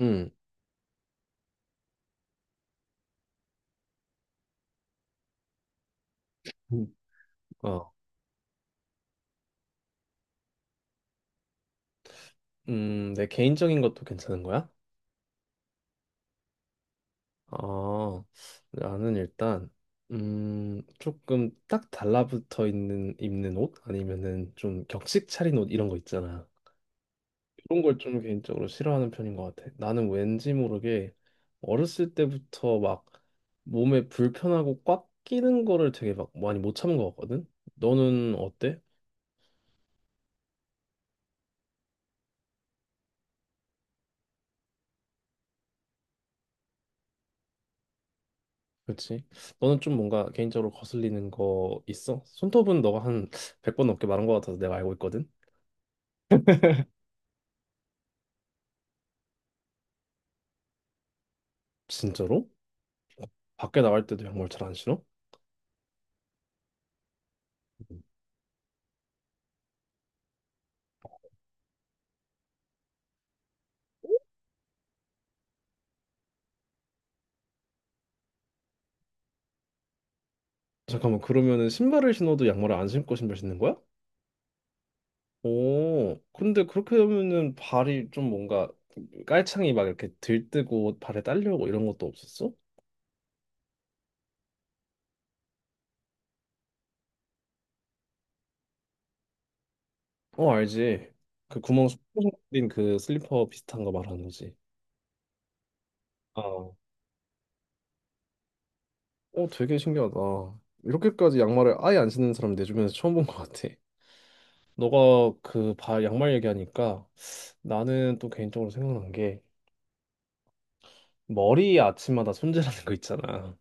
음, 음. 어, 내 개인적인 것도 괜찮은 거야? 어, 나는 일단, 조금 딱 달라붙어 있는, 입는 옷? 아니면은 좀 격식 차린 옷 이런 거 있잖아. 그런 걸 좀 개인적으로 싫어하는 편인 것 같아. 나는 왠지 모르게 어렸을 때부터 막 몸에 불편하고 꽉 끼는 거를 되게 막 많이 못 참은 것 같거든? 너는 어때? 그렇지. 너는 좀 뭔가 개인적으로 거슬리는 거 있어? 손톱은 너가 한 100번 넘게 말한 거 같아서 내가 알고 있거든. 진짜로? 밖에 나갈 때도 양말 잘 안 신어? 음. 잠깐만, 그러면은 신발을 신어도 양말을 안 신고 신발 신는 거야? 오, 근데 그렇게 되면은 발이 좀 뭔가 깔창이 막 이렇게 들뜨고 발에 딸려오고 이런 것도 없었어? 어, 알지. 그 구멍 뚫린 그 슬리퍼 비슷한 거 말하는 거지. 아, 어, 되게 신기하다. 이렇게까지 양말을 아예 안 신는 사람 내 주변에서 처음 본 것 같아. 너가 그 바 양말 얘기하니까 나는 또 개인적으로 생각난 게 머리 아침마다 손질하는 거 있잖아.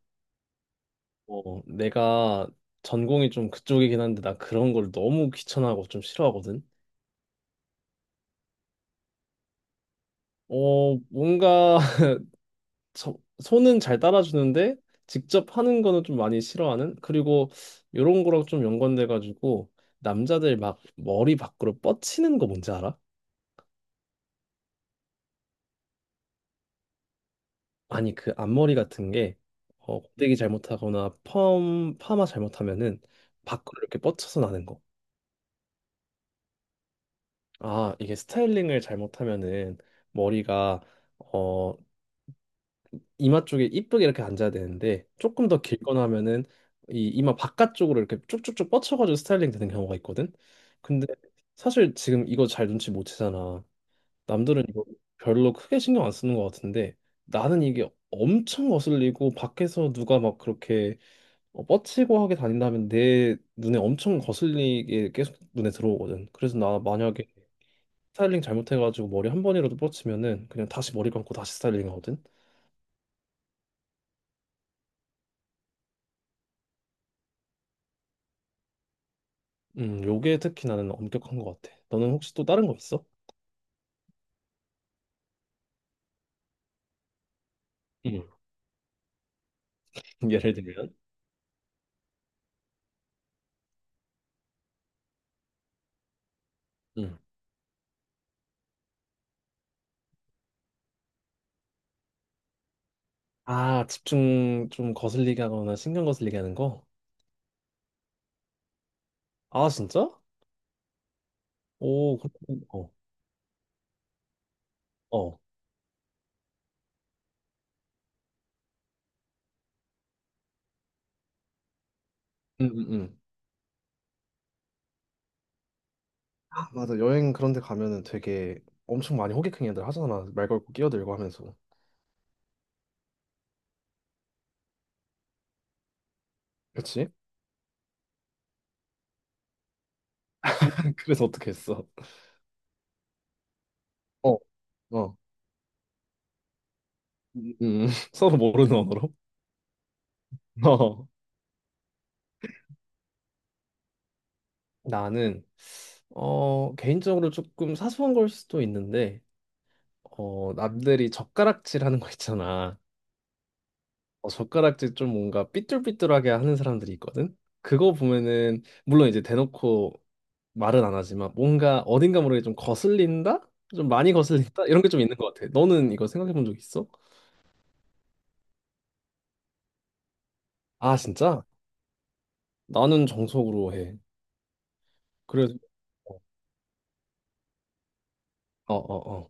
어, 내가 전공이 좀 그쪽이긴 한데 나 그런 걸 너무 귀찮아하고 좀 싫어하거든. 어, 뭔가 손은 잘 따라주는데 직접 하는 거는 좀 많이 싫어하는? 그리고 이런 거랑 좀 연관돼 가지고 남자들 막 머리 밖으로 뻗치는 거 뭔지 알아? 아니 그 앞머리 같은 게 어, 고데기 잘못하거나 펌 파마 잘못하면은 밖으로 이렇게 뻗쳐서 나는 거. 아 이게 스타일링을 잘못하면은 머리가 어 이마 쪽에 이쁘게 이렇게 앉아야 되는데 조금 더 길거나 하면은 이 이마 바깥쪽으로 이렇게 쭉쭉쭉 뻗쳐가지고 스타일링 되는 경우가 있거든. 근데 사실 지금 이거 잘 눈치 못 채잖아. 남들은 이거 별로 크게 신경 안 쓰는 것 같은데 나는 이게 엄청 거슬리고 밖에서 누가 막 그렇게 어, 뻗치고 하게 다닌다면 내 눈에 엄청 거슬리게 계속 눈에 들어오거든. 그래서 나 만약에 스타일링 잘못해가지고 머리 한 번이라도 뻗치면은 그냥 다시 머리 감고 다시 스타일링 하거든. 요게 특히 나는 엄격한 것 같아. 너는 혹시 또 다른 거 있어? 음. 예를 들면? 음. 아, 집중 좀 거슬리게 하거나 신경 거슬리게 하는 거? 아, 진짜? 오, 그렇군. 어, 어. 음, 음, 음. 아, 맞아. 여행 그런 데 가면은 되게 엄청 많이 호객행위들 하잖아. 말 걸고 끼어들고 하면서. 그치? 그래서 어떻게 했어? 어, 어. 음, 음, 서로 모르는 언어로? 어. 나는 어, 개인적으로 조금 사소한 걸 수도 있는데 어, 남들이 젓가락질 하는 거 있잖아. 어, 젓가락질 좀 뭔가 삐뚤삐뚤하게 하는 사람들이 있거든. 그거 보면은 물론 이제 대놓고 말은 안 하지만 뭔가 어딘가 모르게 좀 거슬린다? 좀 많이 거슬린다? 이런 게 좀 있는 것 같아. 너는 이거 생각해 본 적 있어? 아, 진짜? 나는 정석으로 해. 그래서 어, 어, 어.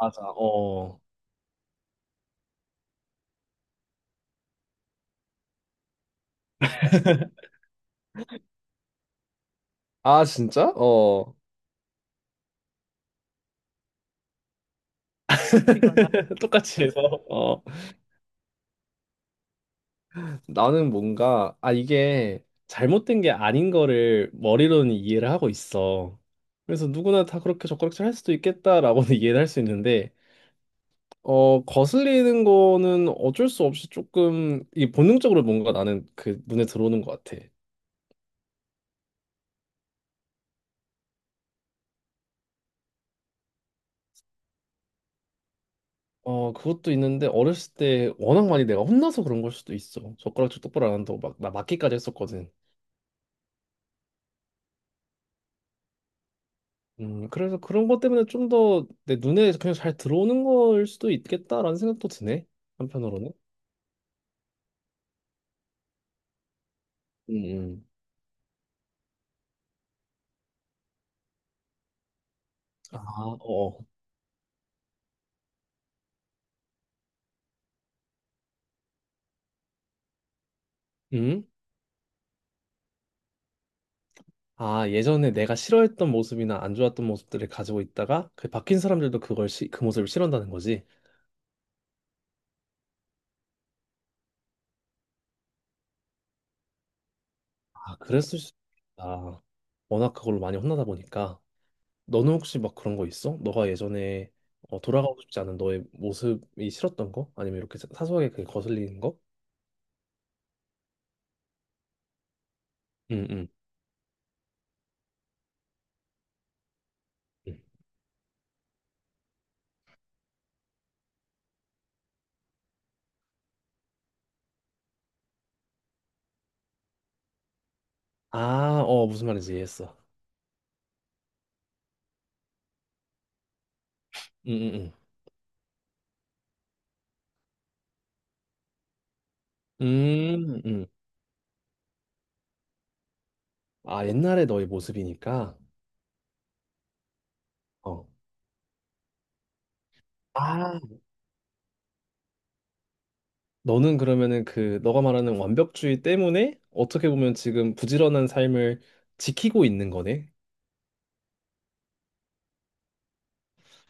맞아. 어. 아, 진짜? 어. 똑같이 해서. 어. 나는 뭔가, 아, 이게 잘못된 게 아닌 거를 머리로는 이해를 하고 있어. 그래서 누구나 다 그렇게 젓가락질 할 수도 있겠다라고는 이해를 할 수 있는데, 어, 거슬리는 거는 어쩔 수 없이 조금, 이 본능적으로 뭔가 나는 그 눈에 들어오는 것 같아. 어, 그것도 있는데, 어렸을 때 워낙 많이 내가 혼나서 그런 걸 수도 있어. 젓가락질 똑바로 안 한다고 막, 나 맞기까지 했었거든. 그래서 그런 것 때문에 좀 더 내 눈에 그냥 잘 들어오는 걸 수도 있겠다라는 생각도 드네. 한편으로는. 음, 음. 아, 어. 음? 아, 예전에 내가 싫어했던 모습이나 안 좋았던 모습들을 가지고 있다가 그 바뀐 사람들도 그걸 그 모습을 싫어한다는 거지. 아, 그랬을 수도 있다. 워낙 그걸로 많이 혼나다 보니까. 너는 혹시 막 그런 거 있어? 너가 예전에 어, 돌아가고 싶지 않은 너의 모습이 싫었던 거? 아니면 이렇게 사소하게 그게 거슬리는 거? 응응 아, 어, 무슨 말인지 이해했어. 음, 음, 음. 음, 음. 아, 옛날의 너의 모습이니까. 어. 아, 너는 그러면은 그 너가 말하는 완벽주의 때문에 어떻게 보면 지금 부지런한 삶을 지키고 있는 거네.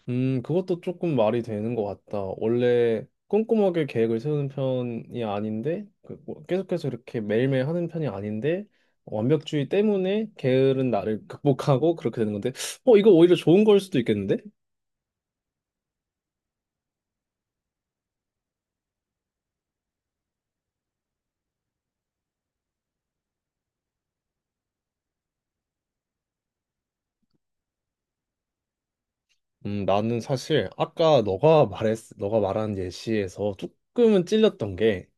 그것도 조금 말이 되는 것 같다. 원래 꼼꼼하게 계획을 세우는 편이 아닌데 그뭐 계속해서 이렇게 매일매일 하는 편이 아닌데 완벽주의 때문에 게으른 나를 극복하고 그렇게 되는 건데, 어, 이거 오히려 좋은 걸 수도 있겠는데? 나는 사실 아까 너가 말한 예시에서 조금은 찔렸던 게,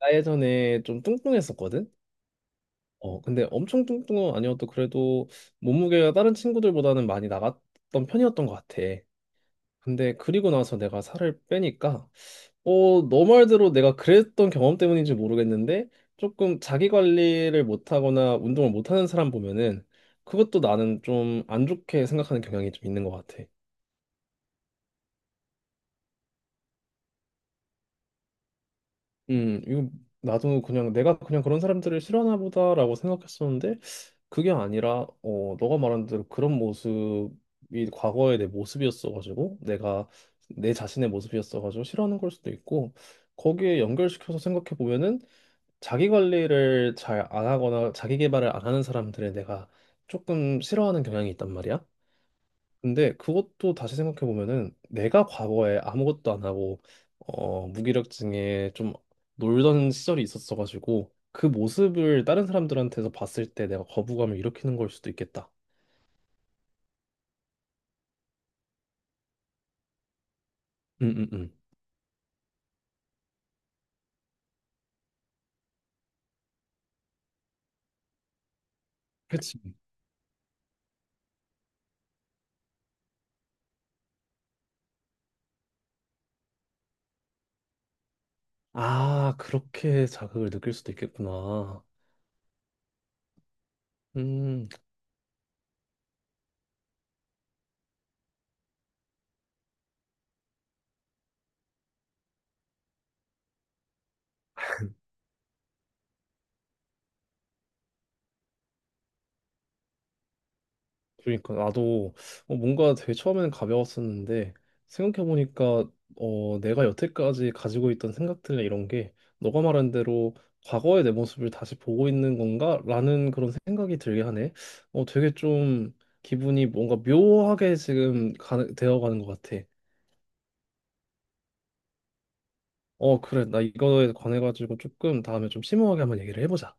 나 예전에 좀 뚱뚱했었거든? 어, 근데 엄청 뚱뚱은 아니어도 그래도 몸무게가 다른 친구들보다는 많이 나갔던 편이었던 것 같아. 근데 그리고 나서 내가 살을 빼니까, 어, 너 말대로 내가 그랬던 경험 때문인지 모르겠는데, 조금 자기 관리를 못하거나 운동을 못하는 사람 보면은, 그것도 나는 좀 안 좋게 생각하는 경향이 좀 있는 것 같아. 이거 나도 그냥 내가 그냥 그런 사람들을 싫어하나 보다라고 생각했었는데 그게 아니라 어 너가 말한 대로 그런 모습이 과거의 내 모습이었어가지고 내가 내 자신의 모습이었어가지고 싫어하는 걸 수도 있고 거기에 연결시켜서 생각해 보면은 자기 관리를 잘 안 하거나 자기 개발을 안 하는 사람들을 내가 조금 싫어하는 경향이 있단 말이야. 근데 그것도 다시 생각해 보면은 내가 과거에 아무것도 안 하고 어 무기력증에 좀 놀던 시절이 있었어 가지고 그 모습을 다른 사람들한테서 봤을 때 내가 거부감을 일으키는 걸 수도 있겠다. 응응응. 그치. 아, 그렇게 자극을 느낄 수도 있겠구나. 음. 그러니까 나도 어, 뭔가 되게 처음에는 가벼웠었는데 생각해보니까 어, 내가 여태까지 가지고 있던 생각들이나 이런 게 너가 말한 대로 과거의 내 모습을 다시 보고 있는 건가? 라는 그런 생각이 들게 하네. 어, 되게 좀 기분이 뭔가 묘하게 지금 되어가는 것 같아. 어, 그래. 나 이거에 관해가지고 조금 다음에 좀 심오하게 한번 얘기를 해보자.